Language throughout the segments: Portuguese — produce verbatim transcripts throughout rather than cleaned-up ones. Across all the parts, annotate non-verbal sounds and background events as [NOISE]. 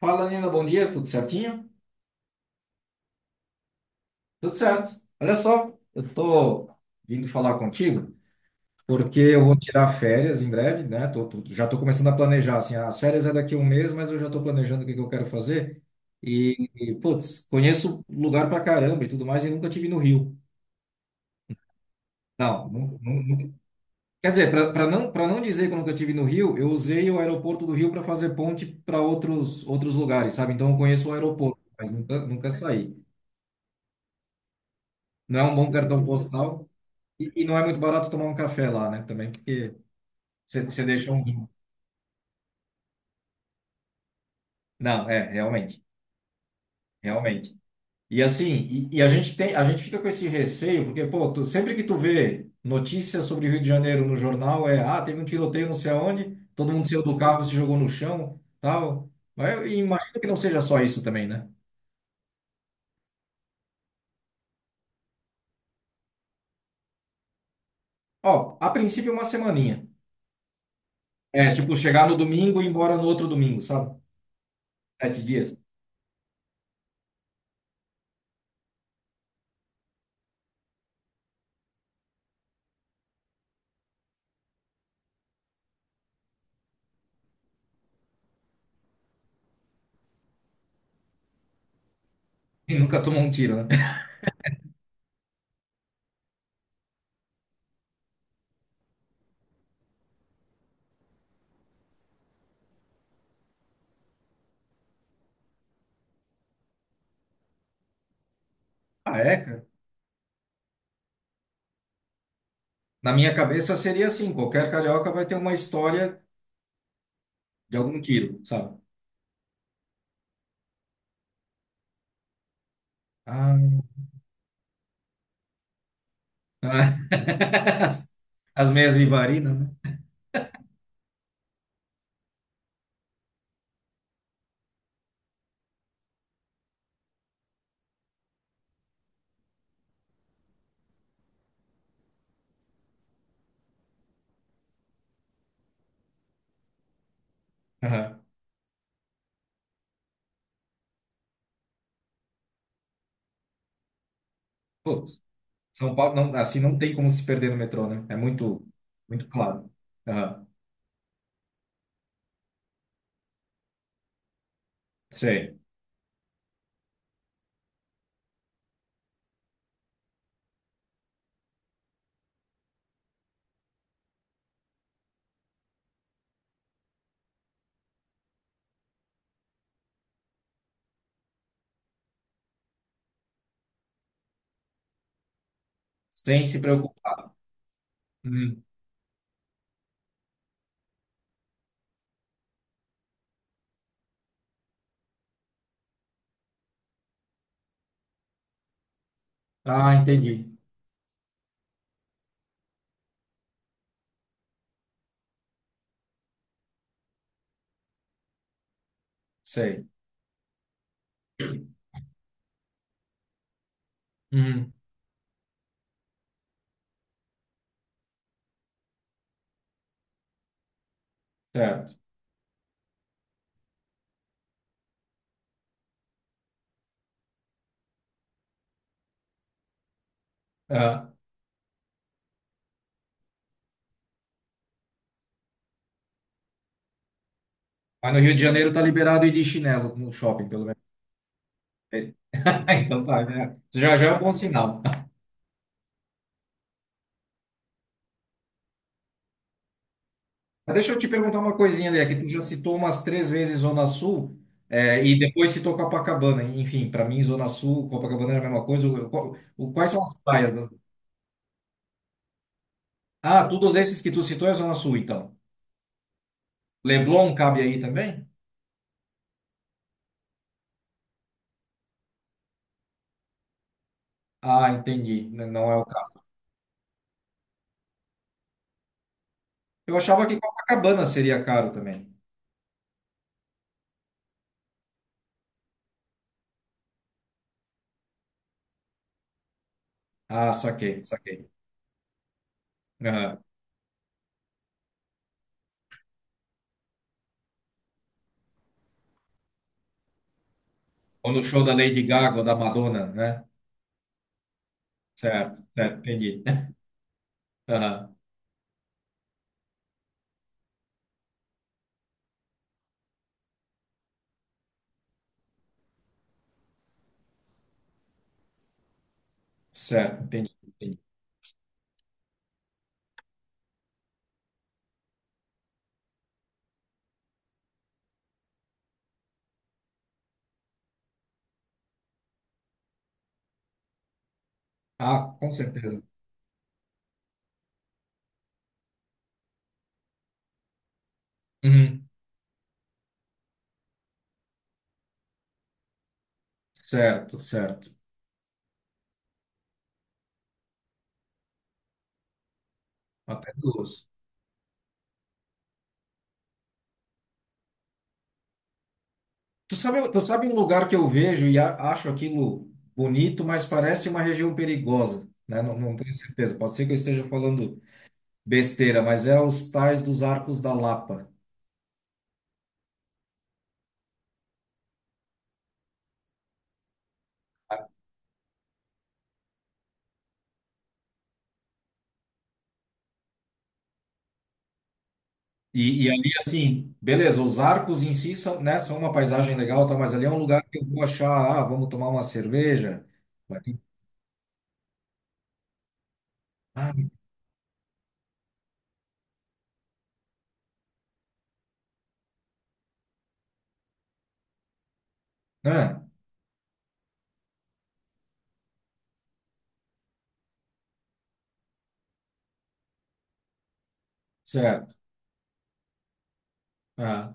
Fala, Nina, bom dia, tudo certinho? Tudo certo. Olha só, eu tô vindo falar contigo porque eu vou tirar férias em breve, né? Tô- tô- já tô começando a planejar, assim, ah, as férias é daqui a um mês, mas eu já tô planejando o que que eu quero fazer. E, e, putz, conheço lugar pra caramba e tudo mais e nunca tive no Rio. Não, nu- nu- nu- quer dizer, para não, para não dizer que eu nunca tive no Rio, eu usei o aeroporto do Rio para fazer ponte para outros, outros lugares, sabe? Então eu conheço o aeroporto, mas nunca, nunca saí. Não é um bom cartão postal. E, e não é muito barato tomar um café lá, né? Também, porque você você deixa um. Não, é, realmente, realmente. E assim, e, e a gente tem, a gente fica com esse receio, porque, pô, tu- sempre que tu vê notícias sobre o Rio de Janeiro no jornal, é, ah, teve um tiroteio não sei aonde, todo mundo saiu do carro, se jogou no chão, tal. Mas eu imagino que não seja só isso também, né? Ó, a princípio uma semaninha. É, tipo, chegar no domingo e ir embora no outro domingo, sabe? Sete dias. E nunca tomou um tiro, né? [LAUGHS] Ah, é? Na minha cabeça seria assim, qualquer carioca vai ter uma história de algum quilo, sabe? Ah, ah. [LAUGHS] As meias Vivarina, né? Aham. Putz, São Paulo, não, assim não tem como se perder no metrô, né? É muito, muito claro. Aham. Sei. Sem se preocupar. Hum. Ah, entendi. Sei. Uhum. Certo. Aham. Mas no Rio de Janeiro tá liberado ir de chinelo no shopping, pelo menos. [LAUGHS] Então tá, né? Já já é um bom sinal. Mas deixa eu te perguntar uma coisinha, Lê, que tu já citou umas três vezes Zona Sul, é, e depois citou Copacabana. Enfim, para mim, Zona Sul, Copacabana era a mesma coisa. O- o- o- Quais são as praias, né? Ah, todos esses que tu citou é Zona Sul, então. Leblon cabe aí também? Ah, entendi. N- Não é o caso. Eu achava que Copacabana seria caro também. Ah, saquei, saquei. Aham. Ou no show da Lady Gaga ou da Madonna, né? Certo, certo, entendi. [LAUGHS] Aham. Certo, entendi, entendi. Ah, com certeza. Uhum. Certo, certo. Até duas. Tu sabe, tu sabe um lugar que eu vejo e a- acho aquilo bonito, mas parece uma região perigosa, né? Não, não tenho certeza. Pode ser que eu esteja falando besteira, mas é os tais dos Arcos da Lapa. E, e ali, assim, beleza, os arcos em si são, né, são uma paisagem legal, tá, mas ali é um lugar que eu vou achar, ah, vamos tomar uma cerveja. Vai ter- Ah, né? Certo. Ah,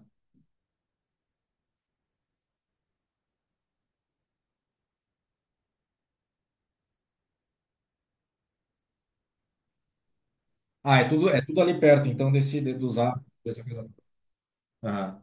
Ah, é tudo, é tudo ali perto, então, desse, de- dos arcos, dessa coisa. Ah.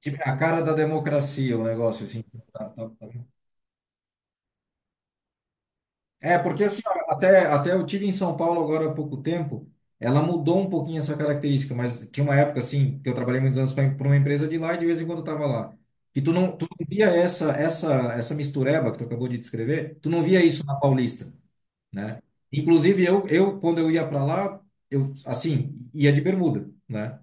Tipo, a cara da democracia, o negócio, assim. Tá, tá, tá. É, porque assim, ó, até, até eu tive em São Paulo agora há pouco tempo, ela mudou um pouquinho essa característica, mas tinha uma época, assim, que eu trabalhei muitos anos para uma empresa de lá e de vez em quando eu tava lá. E tu não, tu não via essa, essa, essa mistureba que tu acabou de descrever, tu não via isso na Paulista, né? Inclusive, eu, eu quando eu ia para lá, eu, assim, ia de bermuda, né?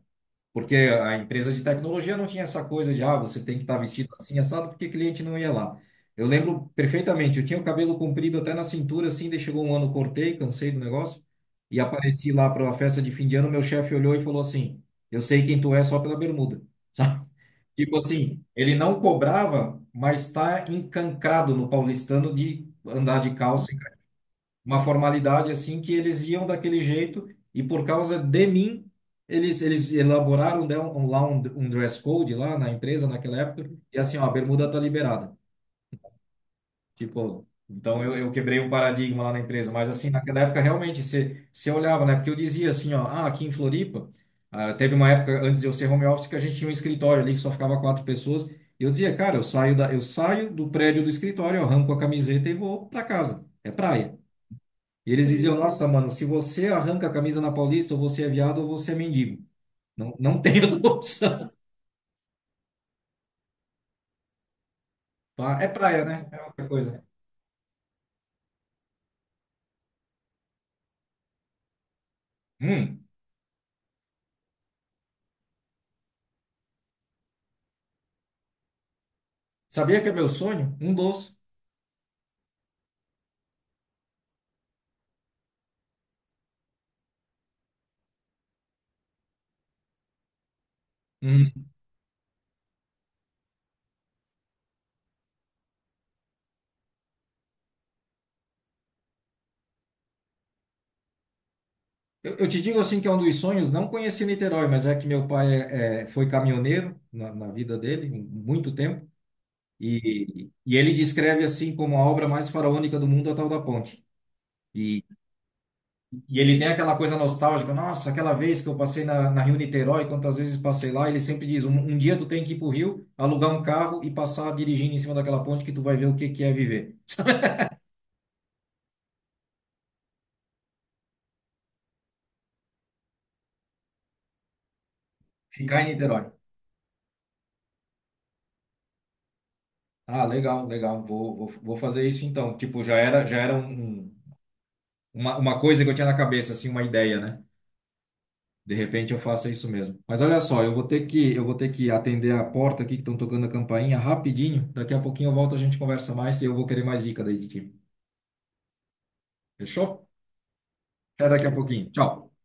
Porque a empresa de tecnologia não tinha essa coisa de, ah, você tem que estar vestido assim, assado, porque cliente não ia lá. Eu lembro perfeitamente, eu tinha o cabelo comprido até na cintura, assim, daí chegou um ano, cortei, cansei do negócio, e apareci lá para uma festa de fim de ano, meu chefe olhou e falou assim, eu sei quem tu é só pela bermuda, sabe? [LAUGHS] Tipo assim, ele não cobrava, mas tá encancrado no paulistano de andar de Hum. calça, uma formalidade assim que eles iam daquele jeito e por causa de mim eles eles elaboraram, né, um, lá um, um dress code lá na empresa naquela época, e assim ó, a bermuda tá liberada, tipo. Então eu, eu quebrei um paradigma lá na empresa, mas assim naquela época realmente você você olhava, né, porque eu dizia assim, ó, ah, aqui em Floripa, ah, teve uma época antes de eu ser home office que a gente tinha um escritório ali que só ficava quatro pessoas e eu dizia, cara, eu saio da eu saio do prédio do escritório, eu arranco a camiseta e vou para casa, é praia. E eles diziam, nossa, mano, se você arranca a camisa na Paulista, ou você é viado ou você é mendigo. Não, não tem outra [LAUGHS] opção. Pá, é praia, né? É outra coisa. Hum. Sabia que é meu sonho? Um doce. Hum. Eu, eu te digo assim que é um dos sonhos, não conheci Niterói, mas é que meu pai é, é, foi caminhoneiro na, na vida dele, um, muito tempo, e, e ele descreve assim como a obra mais faraônica do mundo, a tal da ponte. E, E ele tem aquela coisa nostálgica, nossa, aquela vez que eu passei na, na Rio Niterói, quantas vezes passei lá, ele sempre diz, um, um dia tu tem que ir pro Rio, alugar um carro e passar dirigindo em cima daquela ponte que tu vai ver o que que é viver. Ficar em Niterói. Ah, legal, legal, vou, vou, vou fazer isso então. Tipo, já era, já era um, um, uma, uma coisa que eu tinha na cabeça, assim, uma ideia, né? De repente eu faço isso mesmo. Mas olha só, eu vou ter que, eu vou ter que atender a porta aqui que estão tocando a campainha rapidinho. Daqui a pouquinho eu volto, a gente conversa mais e eu vou querer mais dica daí de ti. Fechou? Até daqui a pouquinho. Tchau.